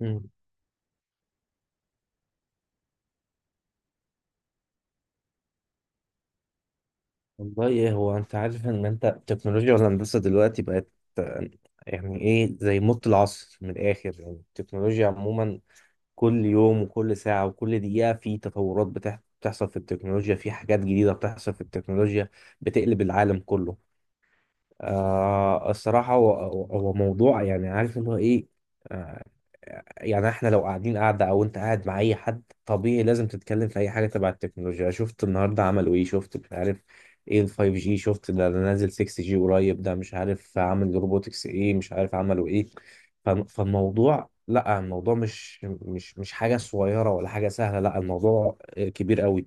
مم. والله ايه هو انت عارف ان انت التكنولوجيا والهندسه دلوقتي بقت آه، يعني ايه زي موت العصر من الاخر يعني التكنولوجيا عموما كل يوم وكل ساعه وكل دقيقه في تطورات بتحصل في التكنولوجيا في حاجات جديده بتحصل في التكنولوجيا بتقلب العالم كله. الصراحه هو موضوع يعني عارف اللي هو ايه. آه، يعني احنا لو قاعدة او انت قاعد مع اي حد طبيعي لازم تتكلم في اي حاجة تبع التكنولوجيا، شفت النهاردة عملوا ايه، شفت مش عارف ايه ال 5G، شفت ده نازل 6G قريب، ده مش عارف عامل روبوتكس ايه، مش عارف عملوا ايه. فالموضوع لا الموضوع مش حاجة صغيرة ولا حاجة سهلة، لا الموضوع كبير قوي.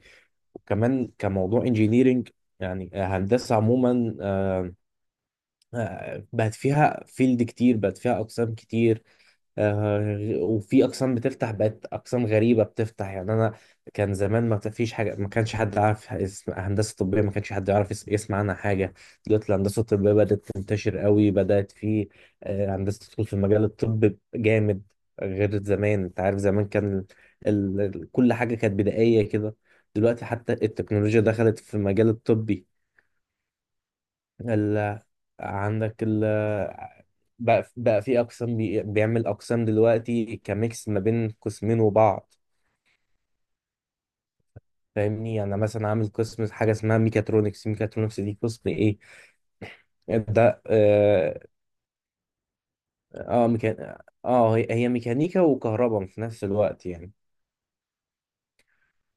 وكمان كموضوع انجينيرينج، يعني هندسة عموما بقت فيها فيلد كتير، بقت فيها أقسام كتير. آه، وفي اقسام بتفتح، بقت اقسام غريبه بتفتح. يعني انا كان زمان ما فيش حاجه، ما كانش حد عارف اسم هندسه طبيه، ما كانش حد يعرف يسمع عنها حاجه. دلوقتي الهندسه الطبيه بدات تنتشر قوي، بدات في هندسه تدخل في مجال الطب جامد، غير زمان. انت عارف زمان كان كل حاجه كانت بدائيه كده، دلوقتي حتى التكنولوجيا دخلت في مجال الطبي. ال... عندك ال... بقى في اقسام بيعمل اقسام دلوقتي كميكس ما بين قسمين وبعض. فاهمني، يعني أنا مثلا عامل قسم حاجه اسمها ميكاترونكس، ميكاترونكس دي قسم ايه؟ ده اه، اه، هي ميكانيكا وكهرباء في نفس الوقت يعني.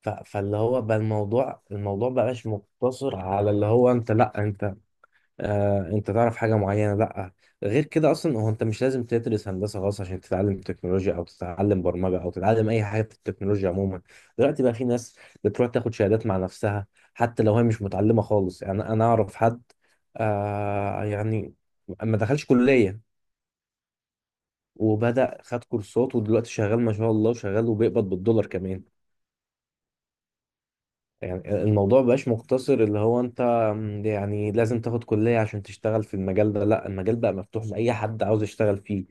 فاللي هو بقى الموضوع بقاش مقتصر على اللي هو انت، لا انت انت تعرف حاجه معينه، لا. غير كده اصلا هو انت مش لازم تدرس هندسه خالص عشان تتعلم تكنولوجيا او تتعلم برمجه او تتعلم اي حاجه في التكنولوجيا عموما. دلوقتي بقى في ناس بتروح تاخد شهادات مع نفسها حتى لو هي مش متعلمه خالص. يعني انا اعرف حد، آه يعني ما دخلش كليه وبدأ خد كورسات ودلوقتي شغال ما شاء الله، وشغال وبيقبض بالدولار كمان. يعني الموضوع مبقاش مقتصر اللي هو انت، يعني لازم تاخد كلية عشان تشتغل في المجال ده، لا، المجال بقى مفتوح لأي حد عاوز يشتغل فيه.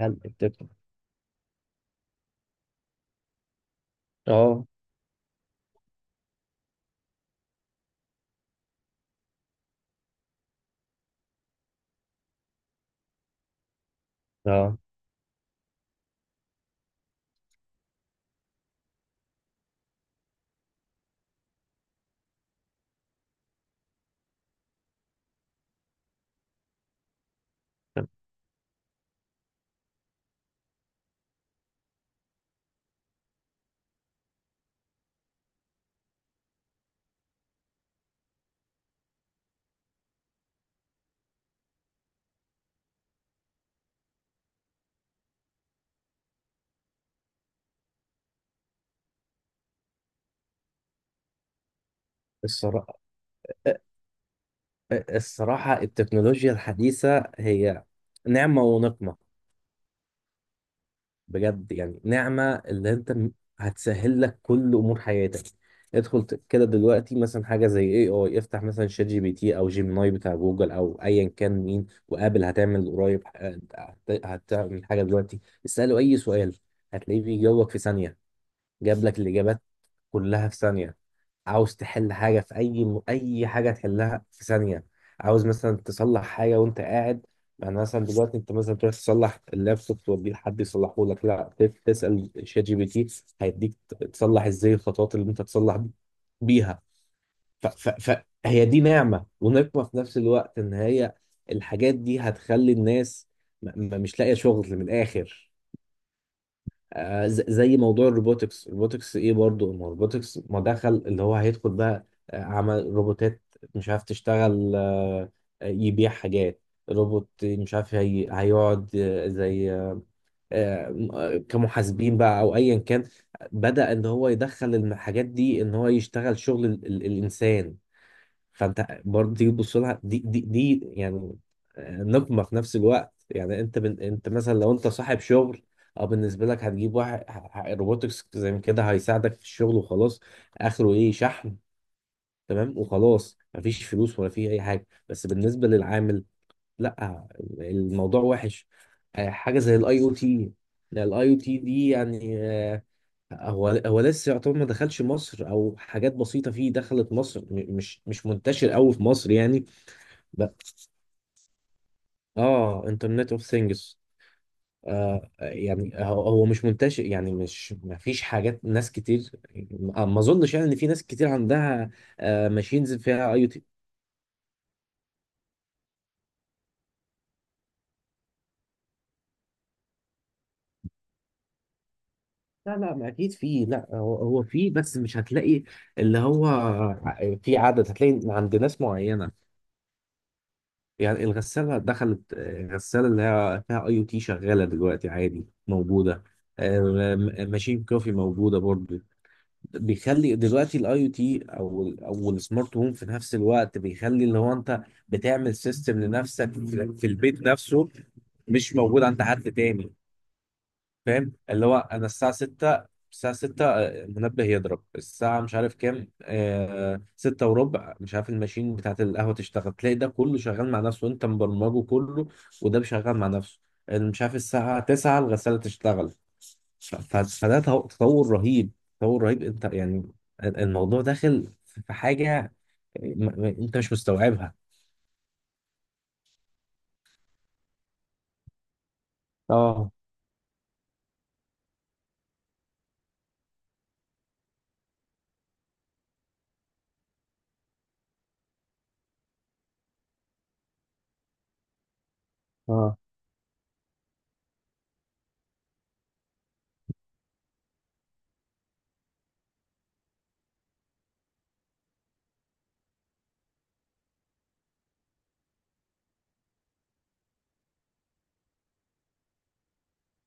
هل التك... اه. اه. الصراحة، الصراحة التكنولوجيا الحديثة هي نعمة ونقمة بجد. يعني نعمة، اللي انت هتسهل لك كل امور حياتك. كده دلوقتي مثلا حاجة زي اي اي افتح مثلا شات جي بي تي او جيميناي بتاع جوجل او ايا كان مين وقابل، هتعمل قريب هتعمل حاجة دلوقتي. اسأله اي سؤال، هتلاقيه بيجاوبك في ثانية، جاب لك الإجابات كلها في ثانية. عاوز تحل حاجة في أي حاجة تحلها في ثانية. عاوز مثلا تصلح حاجة وأنت قاعد، يعني مثلا دلوقتي أنت مثلا تروح تصلح اللابتوب توديه لحد يصلحه لك، لا تسأل شات جي بي تي، هيديك تصلح إزاي، الخطوات اللي أنت تصلح بيها. ف... ف... فهي دي نعمة ونقمة في نفس الوقت، إن هي الحاجات دي هتخلي الناس م... مش لاقية شغل من الآخر. زي موضوع الروبوتكس، الروبوتكس ايه برضو، ما الروبوتكس ما دخل اللي هو هيدخل بقى، عمل روبوتات مش عارف تشتغل، يبيع حاجات، روبوت مش عارف، هيقعد آه، زي آه، آه، كمحاسبين بقى او ايا كان. بدأ ان هو يدخل الحاجات دي، ان هو يشتغل شغل الانسان. فانت برضه تيجي تبص لها دي، دي يعني نقمه في نفس الوقت. يعني انت انت مثلا لو انت صاحب شغل او بالنسبه لك، هتجيب واحد روبوتكس زي ما كده هيساعدك في الشغل وخلاص، اخره ايه؟ شحن، تمام وخلاص، مفيش فلوس ولا فيه اي حاجه. بس بالنسبه للعامل، لا الموضوع وحش. حاجه زي الاي او تي، الاي او تي دي يعني هو لسه يعتبر ما دخلش مصر، او حاجات بسيطه فيه دخلت مصر، مش منتشر قوي في مصر يعني. لا، اه، انترنت اوف ثينجز. يعني هو مش منتشر، يعني مش، ما فيش حاجات، ناس كتير، ما اظنش يعني ان في ناس كتير عندها ماشينز فيها اي او تي. لا لا، ما اكيد في، لا هو في، بس مش هتلاقي اللي هو في عدد، هتلاقي عند ناس معينة. يعني الغسالة دخلت، الغسالة اللي هي فيها اي او تي شغالة دلوقتي عادي موجودة. آه، ماشين كوفي موجودة برضه. بيخلي دلوقتي الاي او تي او او السمارت هوم في نفس الوقت بيخلي اللي هو انت بتعمل سيستم لنفسك في البيت نفسه، مش موجود عند حد تاني. فاهم؟ اللي هو انا الساعه 6، المنبه يضرب الساعه مش عارف كام، آه 6 وربع، مش عارف الماشين بتاعت القهوه تشتغل، تلاقي ده كله شغال مع نفسه وانت مبرمجه كله، وده شغال مع نفسه، مش عارف الساعه 9 الغساله تشتغل. فده تطور رهيب، تطور رهيب انت يعني. الموضوع داخل في حاجة انت مش مستوعبها. اه. اه.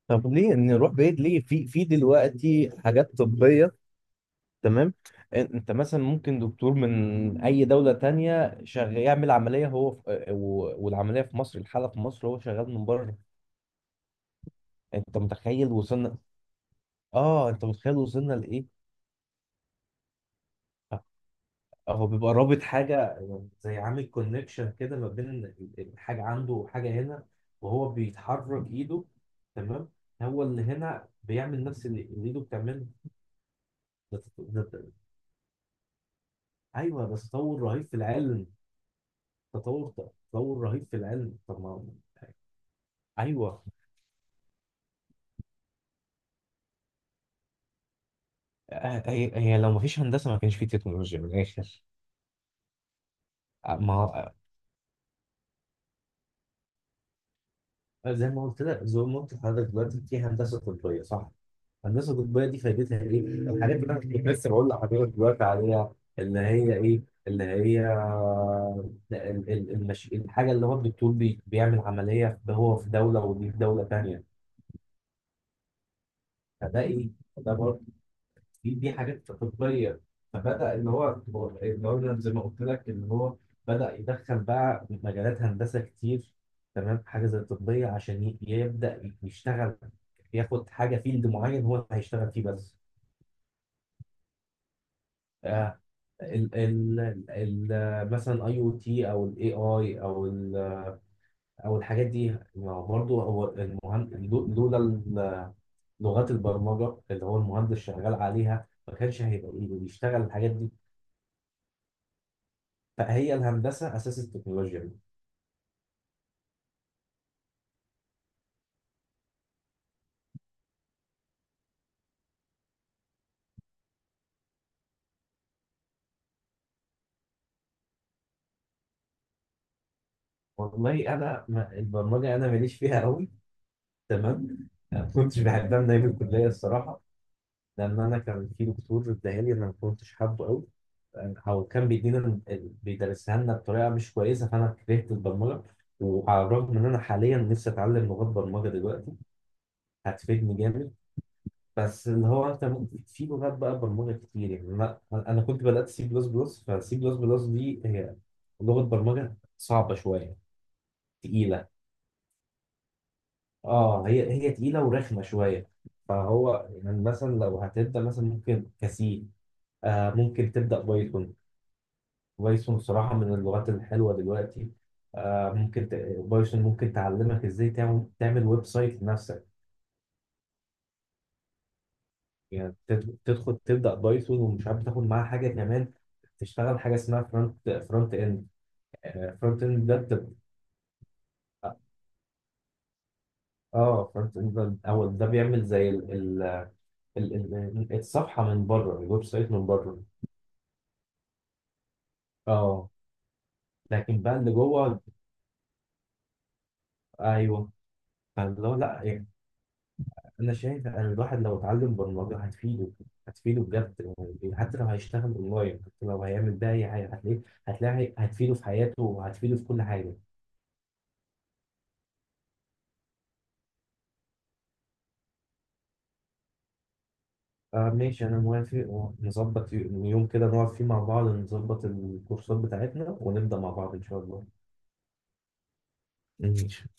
طب ليه نروح بعيد، ليه؟ في في دلوقتي حاجات طبية، تمام. انت مثلا ممكن دكتور من اي دولة تانية شغال يعمل عملية، هو في، والعملية في مصر، الحالة في مصر، هو شغال من بره. انت متخيل وصلنا؟ اه انت متخيل وصلنا لايه؟ هو بيبقى رابط حاجة، زي عامل كونكشن كده ما بين حاجة عنده وحاجة هنا، وهو بيتحرك ايده، تمام، هو اللي هنا بيعمل نفس اللي ايده بتعمله. ده تط- ده ده- ايوه بس تطور رهيب في العلم. تطور، تطور رهيب في العلم. طب ما، ايوه، هي لو ما فيش هندسة ما كانش في تكنولوجيا من الاخر. آه، ما هو- آه، زي ما قلت لك، زي ما قلت لحضرتك، دلوقتي في هندسة طبية صح؟ الهندسه الطبيه دي فايدتها ايه؟ الحاجات اللي انا كنت لسه بقول لحضرتك دلوقتي عليها اللي هي ايه؟ اللي هي الحاجه اللي هو الدكتور بيعمل عمليه هو في دوله ودي في دوله ثانيه. فده ايه؟ ده برضه، دي حاجات طبيه. فبدا اللي هو، اللي هو زي ما قلت لك، اللي هو بدا يدخل بقى مجالات هندسه كتير تمام، حاجه زي الطبيه عشان يبدا يشتغل، ياخد حاجه فيلد معين هو اللي هيشتغل فيه بس. آه، ال ال ال مثلا اي او تي او الاي اي او ال او الحاجات دي، ما هو برضو هو المهندس. لولا ال- لغات البرمجه اللي هو المهندس شغال عليها ما كانش هيبقى إيه بيشتغل الحاجات دي. فهي الهندسه اساس التكنولوجيا دي. والله انا ما، البرمجه انا ماليش فيها قوي، تمام، ما كنتش بحبها من ايام الكليه الصراحه، لان انا كان في دكتور اداها لي انا ما كنتش حابه قوي، او كان بيدينا بيدرسها لنا بطريقه مش كويسه، فانا كرهت البرمجه. وعلى الرغم ان انا حاليا نفسي اتعلم لغات برمجه دلوقتي، هتفيدني جامد. بس اللي هو انت ممكن في لغات بقى برمجه كتير. يعني انا كنت بدات سي بلس بلس، فسي بلس بلس دي هي لغه برمجه صعبه شويه، تقيله. اه هي تقيله ورخمه شويه. فهو يعني مثلا لو هتبدا مثلا ممكن كسي، ممكن تبدا بايثون. بايثون صراحة من اللغات الحلوة دلوقتي. آه ممكن ت... بايثون ممكن تعلمك ازاي تعمل ويب سايت لنفسك. يعني تدخل تبدأ بايثون ومش عارف تاخد معاها حاجة كمان، تشتغل حاجة اسمها فرونت اند. فرونت اند ده بتبقى، اه فرونت اند ده اول، ده بيعمل زي ال... الصفحة من بره، الويب سايت من بره. اه. لكن بقى اللي جوه، ايوه. فاللي هو لا يعني، انا شايف ان الواحد لو اتعلم برمجه هتفيده، هتفيده بجد. يعني حتى لو هيشتغل اونلاين، حتى لو هيعمل بقى اي حاجه، هتلاقيه، هتلاقي، هتفيده في حياته وهتفيده في كل حاجه. ماشي انا موافق، ونظبط يوم كده نقعد فيه مع بعض، نظبط الكورسات بتاعتنا ونبدا مع بعض ان شاء الله. ماشي.